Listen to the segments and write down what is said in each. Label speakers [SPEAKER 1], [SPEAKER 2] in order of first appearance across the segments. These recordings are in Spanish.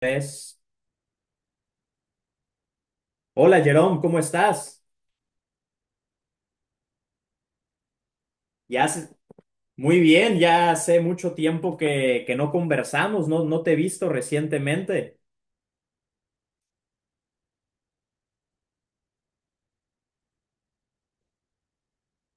[SPEAKER 1] Pues. Hola Jerome, ¿cómo estás? Ya hace- muy bien, ya hace mucho tiempo que no conversamos, no, no te he visto recientemente.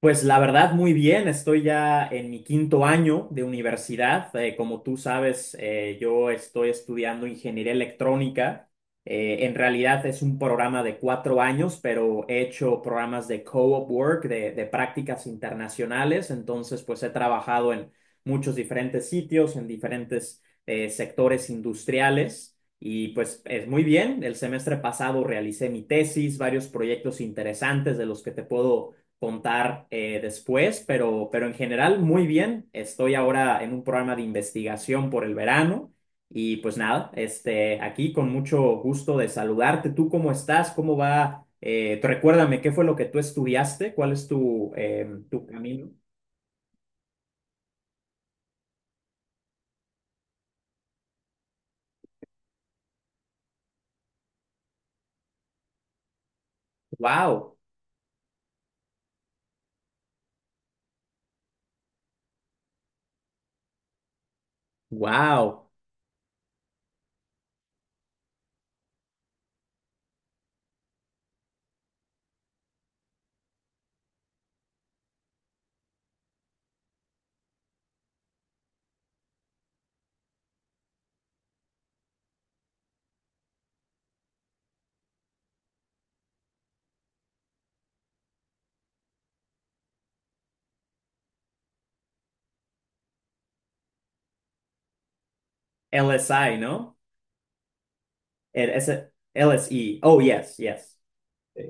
[SPEAKER 1] Pues la verdad, muy bien. Estoy ya en mi quinto año de universidad. Como tú sabes, yo estoy estudiando ingeniería electrónica. En realidad es un programa de 4 años, pero he hecho programas de co-op work, de prácticas internacionales. Entonces, pues he trabajado en muchos diferentes sitios, en diferentes sectores industriales. Y pues es muy bien. El semestre pasado realicé mi tesis, varios proyectos interesantes de los que te puedo contar después, pero en general muy bien. Estoy ahora en un programa de investigación por el verano y pues nada, aquí con mucho gusto de saludarte. ¿Tú cómo estás? ¿Cómo va? Tú recuérdame, ¿qué fue lo que tú estudiaste? ¿Cuál es tu camino? Wow. Wow. LSI, ¿no? LSE. Oh, yes, yes. Sí.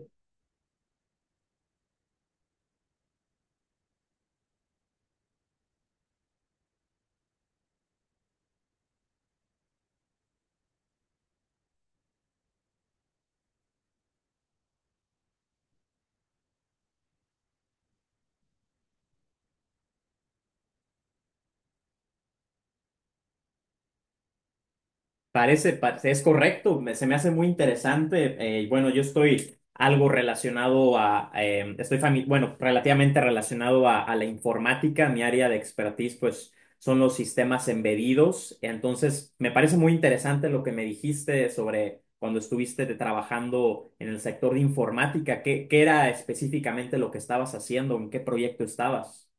[SPEAKER 1] Parece, parece, es correcto. Se me hace muy interesante. Y bueno, yo estoy algo relacionado a, relativamente relacionado a la informática. Mi área de expertise, pues, son los sistemas embedidos. Entonces, me parece muy interesante lo que me dijiste sobre cuando estuviste trabajando en el sector de informática. ¿Qué era específicamente lo que estabas haciendo? ¿En qué proyecto estabas?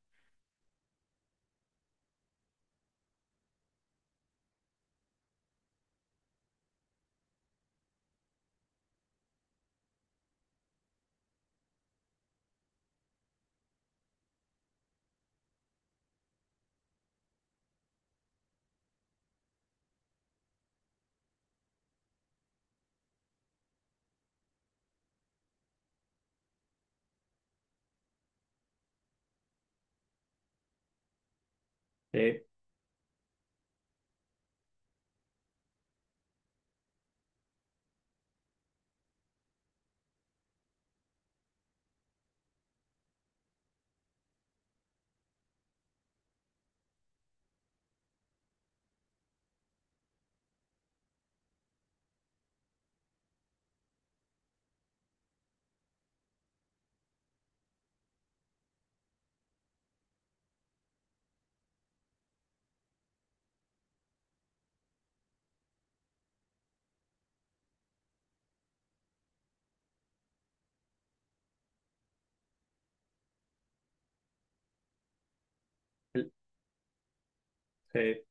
[SPEAKER 1] Sí, sí.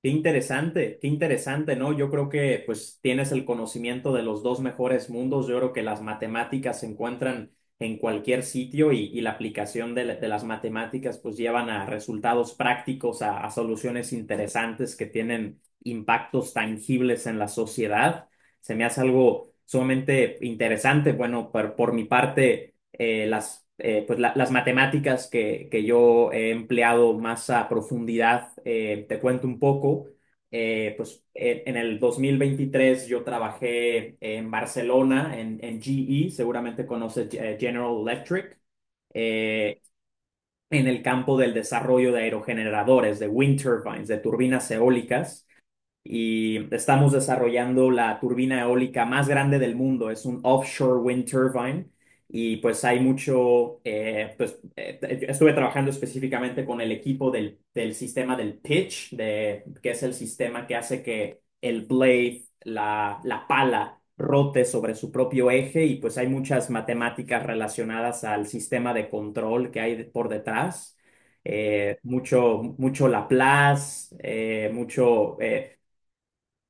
[SPEAKER 1] Qué interesante, ¿no? Yo creo que pues tienes el conocimiento de los dos mejores mundos. Yo creo que las matemáticas se encuentran en cualquier sitio y la aplicación de las matemáticas pues llevan a resultados prácticos, a soluciones interesantes que tienen impactos tangibles en la sociedad. Se me hace algo sumamente interesante. Bueno, por mi parte, las matemáticas que yo he empleado más a profundidad. Te cuento un poco. Pues en el 2023 yo trabajé en Barcelona, en GE, seguramente conoces General Electric, eh, en el campo del desarrollo de aerogeneradores, de wind turbines, de turbinas eólicas, y estamos desarrollando la turbina eólica más grande del mundo. Es un offshore wind turbine. Y pues estuve trabajando específicamente con el equipo del sistema del pitch, que es el sistema que hace que el blade, la pala, rote sobre su propio eje. Y pues hay muchas matemáticas relacionadas al sistema de control que hay por detrás, mucho, mucho Laplace,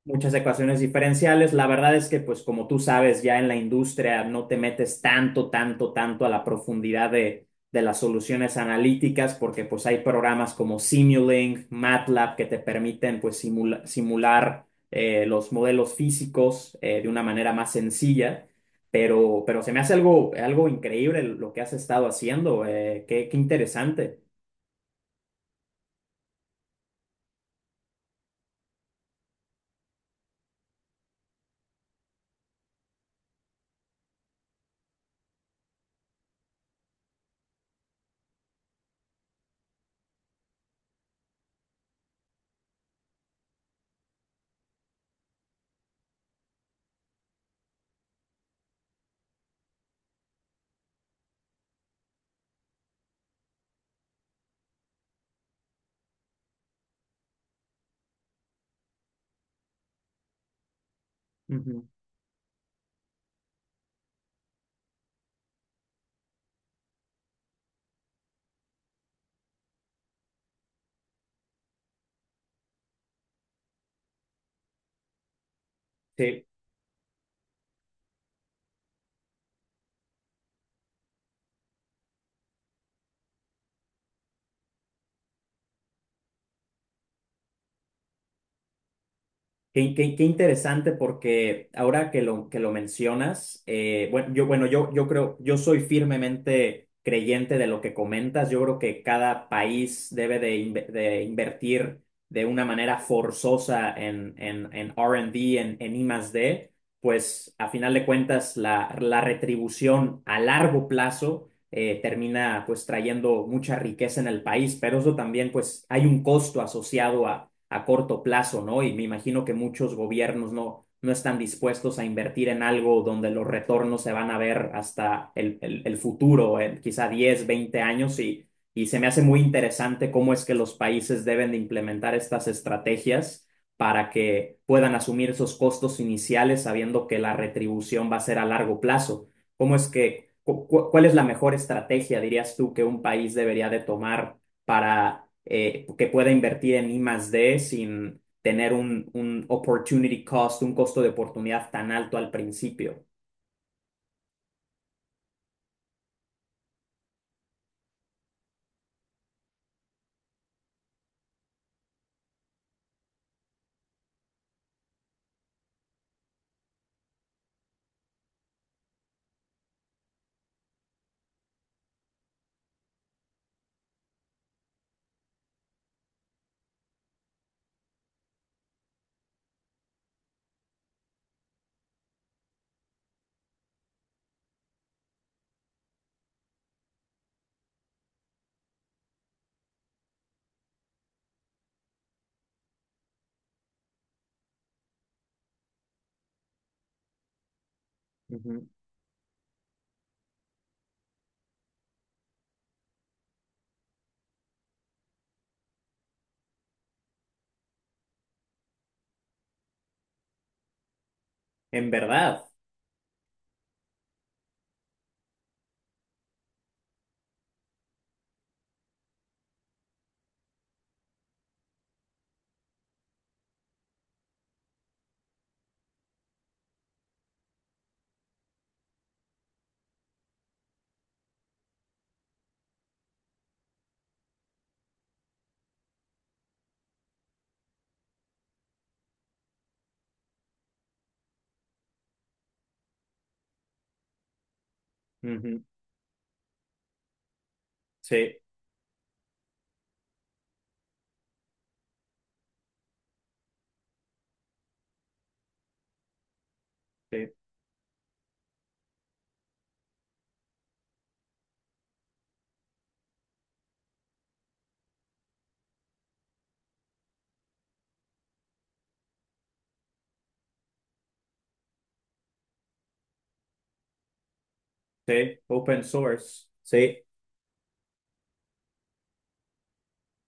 [SPEAKER 1] muchas ecuaciones diferenciales. La verdad es que, pues como tú sabes, ya en la industria no te metes tanto, tanto, tanto a la profundidad de las soluciones analíticas, porque pues hay programas como Simulink, MATLAB, que te permiten pues simular los modelos físicos de una manera más sencilla. Pero se me hace algo increíble lo que has estado haciendo. Qué interesante. Ujú. Sí. Qué interesante, porque ahora que lo mencionas, bueno, yo, bueno, yo creo, yo soy firmemente creyente de lo que comentas. Yo creo que cada país debe de invertir de una manera forzosa en R&D, en I+D, pues a final de cuentas la retribución a largo plazo termina pues trayendo mucha riqueza en el país, pero eso también pues hay un costo asociado a corto plazo, ¿no? Y me imagino que muchos gobiernos no, no están dispuestos a invertir en algo donde los retornos se van a ver hasta el futuro, en quizá 10, 20 años y... Y se me hace muy interesante cómo es que los países deben de implementar estas estrategias para que puedan asumir esos costos iniciales sabiendo que la retribución va a ser a largo plazo. ¿Cómo es cuál es la mejor estrategia, dirías tú, que un país debería de tomar para que pueda invertir en I+D sin tener un opportunity cost, un costo de oportunidad tan alto al principio? Ujú. En verdad. Ujú. Sí, sí, sí, open source. Sí.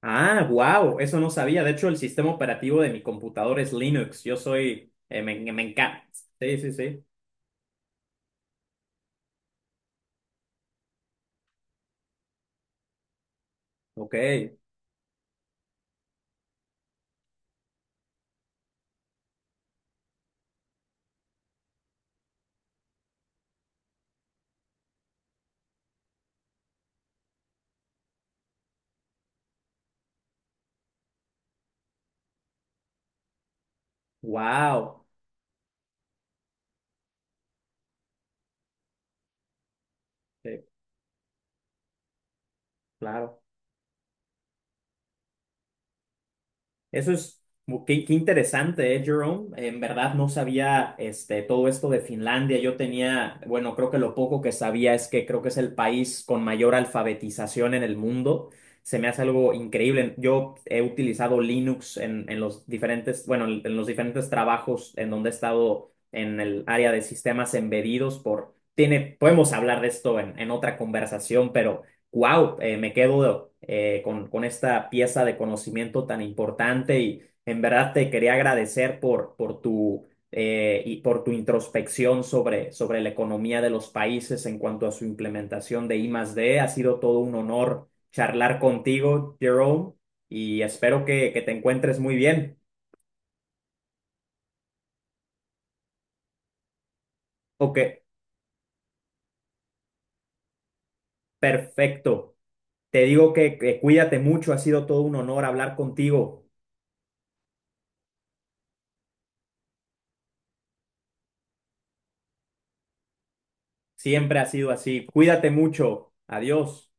[SPEAKER 1] Ah, wow, eso no sabía. De hecho, el sistema operativo de mi computador es Linux. Me encanta. Sí, sí, sí. Ok, wow. Sí, claro. Eso es, qué interesante, ¿eh, Jerome? En verdad no sabía todo esto de Finlandia. Yo tenía, bueno, creo que lo poco que sabía es que creo que es el país con mayor alfabetización en el mundo. Se me hace algo increíble. Yo he utilizado Linux en los diferentes trabajos en donde he estado en el área de sistemas embedidos, podemos hablar de esto en otra conversación, pero wow, me quedo con esta pieza de conocimiento tan importante, y en verdad te quería agradecer y por tu introspección sobre la economía de los países en cuanto a su implementación de I+D. Ha sido todo un honor charlar contigo, Jerome, y espero que te encuentres muy bien. Ok, perfecto. Te digo que cuídate mucho. Ha sido todo un honor hablar contigo. Siempre ha sido así. Cuídate mucho. Adiós.